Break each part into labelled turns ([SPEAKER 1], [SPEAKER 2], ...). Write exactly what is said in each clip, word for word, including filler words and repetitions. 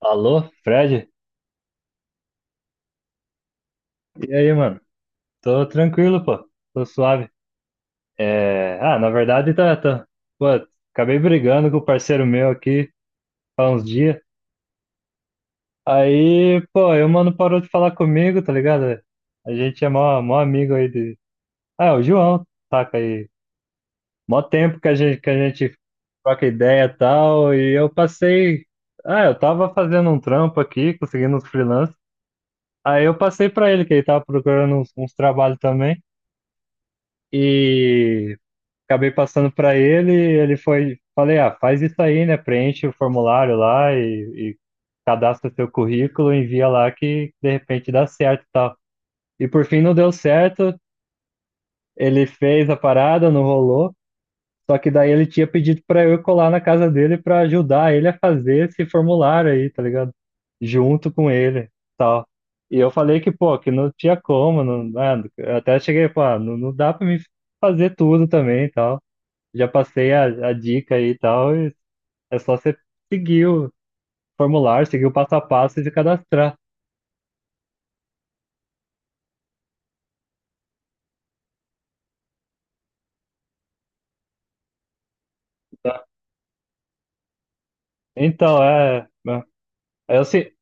[SPEAKER 1] Alô, Fred? E aí, mano? Tô tranquilo, pô. Tô suave. É... Ah, na verdade, tá, tá. Pô, acabei brigando com o parceiro meu aqui há uns dias. Aí, pô, aí o mano parou de falar comigo, tá ligado? A gente é mó, mó amigo aí de. Ah, é o João, saca aí. Mó tempo que a gente, que a gente troca ideia e tal. E eu passei. Ah, eu tava fazendo um trampo aqui, conseguindo uns freelance. Aí eu passei pra ele, que ele tava procurando uns, uns trabalhos também. E acabei passando para ele, ele foi, falei, ah, faz isso aí, né? Preenche o formulário lá e, e cadastra seu currículo, envia lá que de repente dá certo e tal. E por fim não deu certo, ele fez a parada, não rolou. Só que daí ele tinha pedido para eu ir colar na casa dele para ajudar ele a fazer esse formulário aí, tá ligado? Junto com ele, tal. E eu falei que, pô, que não tinha como, não, né? Eu até cheguei, pô, ah, não, não dá para mim fazer tudo também, tal já passei a, a dica aí e tal, e é só você seguir o formulário, seguir o passo a passo e se cadastrar. Tá? Então, é. é, Eu, se-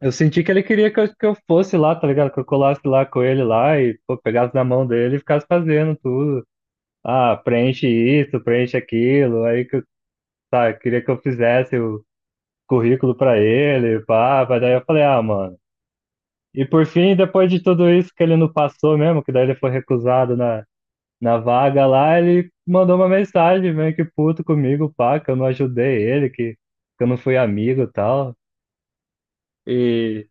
[SPEAKER 1] Eu senti que ele queria que eu, que eu fosse lá, tá ligado? Que eu colasse lá com ele lá e pô, pegasse na mão dele e ficasse fazendo tudo. Ah, preenche isso, preenche aquilo. Aí que eu, tá, queria que eu fizesse o currículo pra ele, pá, mas daí eu falei, ah, mano. E por fim, depois de tudo isso que ele não passou mesmo, que daí ele foi recusado na, na vaga lá, ele mandou uma mensagem meio que puto comigo, pá, que eu não ajudei ele, que, que eu não fui amigo e tal. E,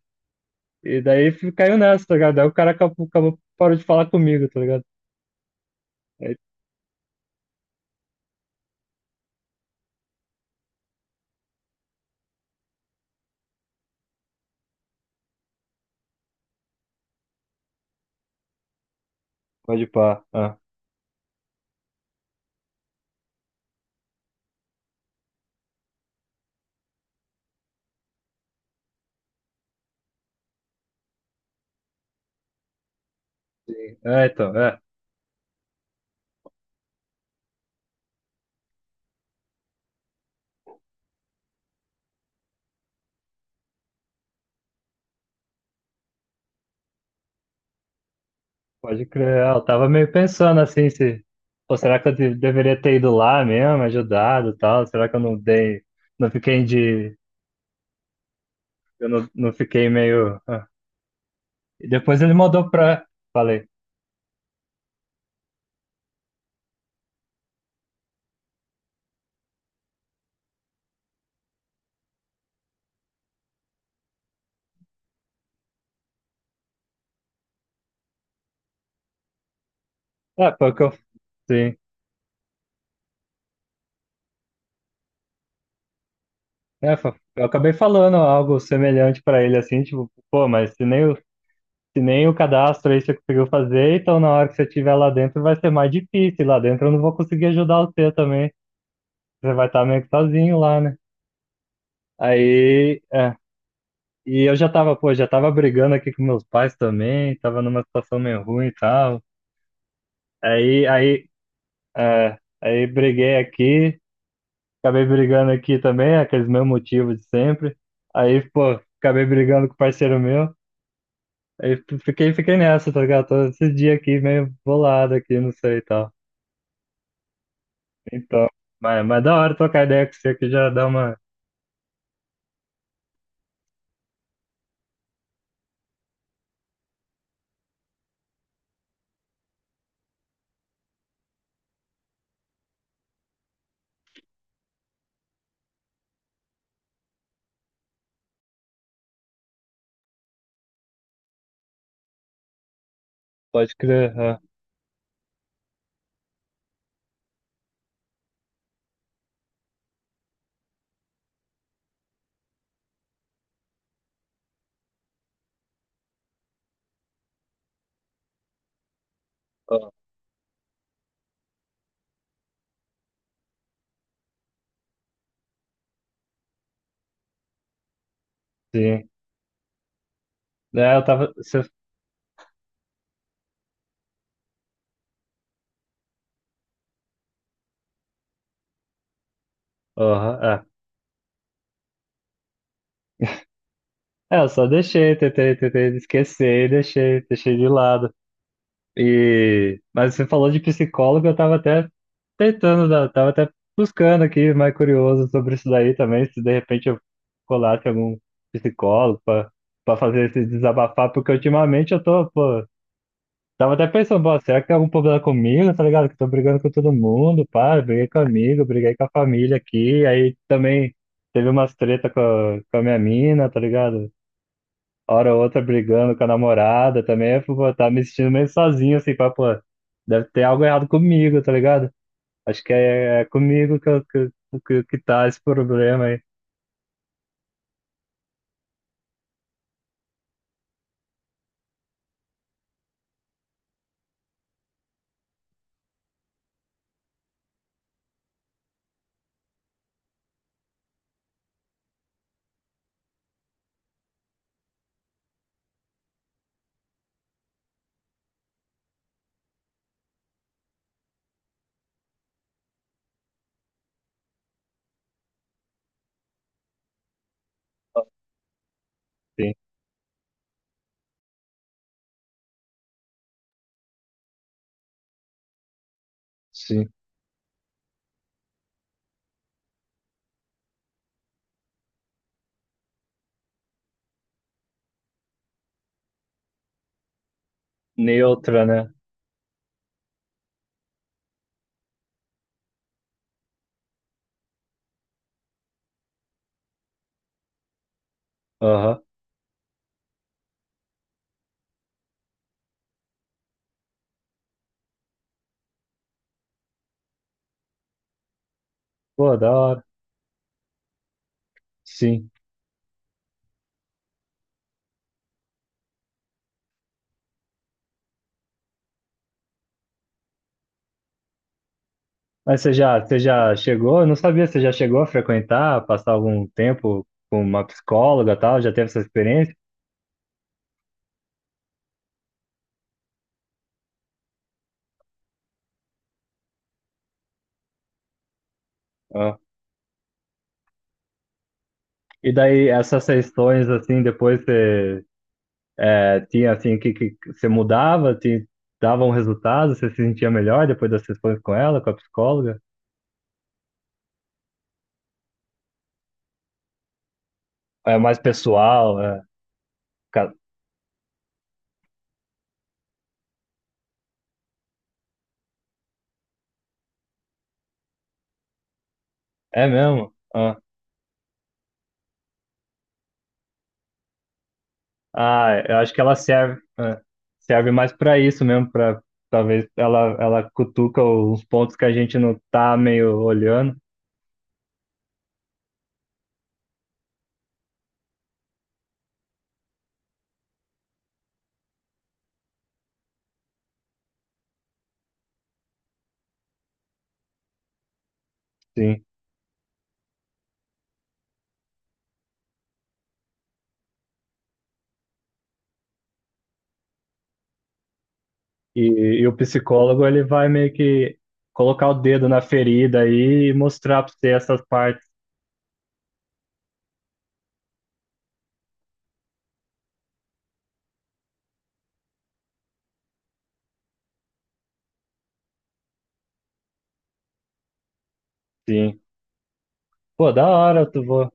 [SPEAKER 1] e daí fi- caiu nessa, tá ligado? Aí o cara acabou, acabou- parou de falar comigo, tá ligado? Pode pá. Ah, sim. É, então, é. Pode crer. É, eu tava meio pensando assim, se. Pô, será que eu de- deveria ter ido lá mesmo, ajudado e tal? Será que eu não dei. Não fiquei de. Eu não, não fiquei meio. ah. E depois ele mandou pra. Falei. É, foi o que eu. Sim. É, fa- eu acabei falando algo semelhante pra ele, assim, tipo, pô, mas se nem o, se nem o cadastro aí você conseguiu fazer, então na hora que você estiver lá dentro vai ser mais difícil. Lá dentro eu não vou conseguir ajudar você também. Você vai estar meio que sozinho lá, né? Aí, é. E eu já tava, pô, já tava brigando aqui com meus pais também, tava numa situação meio ruim e tal. Aí, aí, é, aí briguei aqui, acabei brigando aqui também, aqueles meus motivos de sempre. Aí, pô, acabei brigando com o parceiro meu. Aí f- fiquei, fiquei nessa, tá ligado? Todo esse dia aqui meio bolado aqui, não sei e tal. Então, mas, mas da hora trocar ideia com você aqui já dá uma. Pode crer. ah, ah, sim. É, eu tava. Você, aham, é. É, eu só deixei, tentei, tentei esquecer e deixei, deixei de lado. E, mas você falou de psicólogo, eu tava até tentando, dar- tava até buscando aqui, mais curioso sobre isso daí também, se de repente eu colasse algum psicólogo pra pra fazer esse desabafar, porque ultimamente eu tô, pô, tava até pensando, pô, será que tem algum problema comigo, tá ligado? Que eu tô brigando com todo mundo, pá, eu briguei com amigo, briguei com a família aqui, aí também teve umas treta com a, com a minha mina, tá ligado? Hora ou outra brigando com a namorada também, eu fico, pô, tava me sentindo meio sozinho, assim, pá, pô, deve ter algo errado comigo, tá ligado? Acho que é, é comigo que, eu- que, que, que tá esse problema aí. Sim, sim. Neutra, né? Aham. Pô, da hora. Sim. Mas você já, você já chegou? Eu não sabia, você já chegou a frequentar, passar algum tempo com uma psicóloga e tal? Já teve essa experiência? Ah. E daí, essas sessões, assim, depois você. É, tinha assim que, que você mudava, te dava um resultado, você se sentia melhor depois das sessões com ela, com a psicóloga. É mais pessoal, é, ca- é mesmo? Ah, ah, eu acho que ela serve, ah, serve mais para isso mesmo, para talvez ela ela cutuca os pontos que a gente não tá meio olhando, sim. E, e o psicólogo ele vai meio que colocar o dedo na ferida aí e mostrar para você essas partes, sim. Pô, da hora, tu vou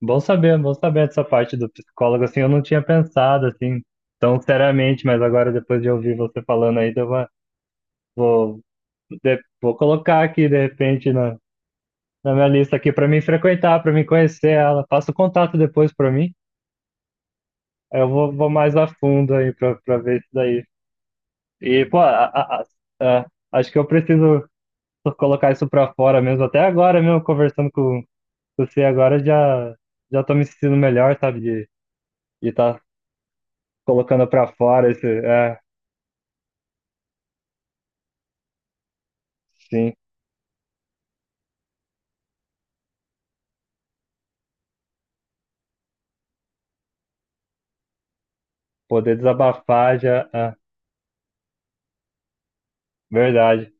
[SPEAKER 1] bom saber, bom saber dessa parte do psicólogo, assim, eu não tinha pensado, assim, tão seriamente, mas agora depois de ouvir você falando aí, deu uma, vou, de- vou colocar aqui, de repente, na, na minha lista aqui para mim frequentar, para mim conhecer ela, passa o contato depois para mim, aí eu vou, vou mais a fundo aí para ver isso daí. E, pô, a- a- a- a- acho que eu preciso colocar isso para fora mesmo, até agora mesmo, conversando com com você agora, já, já tô me sentindo melhor, sabe, de estar colocando pra fora esse, é, sim, poder desabafar já, é, verdade,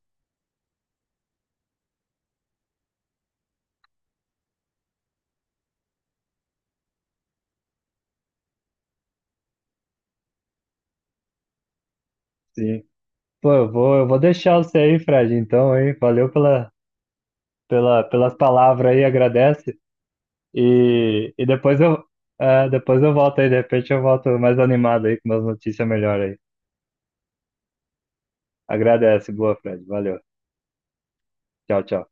[SPEAKER 1] sim. Pô, eu vou, eu vou deixar você aí, Fred, então, hein? Valeu pela, pela, pelas palavras aí, agradece. E, e depois eu, é, depois eu volto aí, de repente eu volto mais animado aí com umas notícias melhores aí. Agradece, boa, Fred, valeu. Tchau, tchau.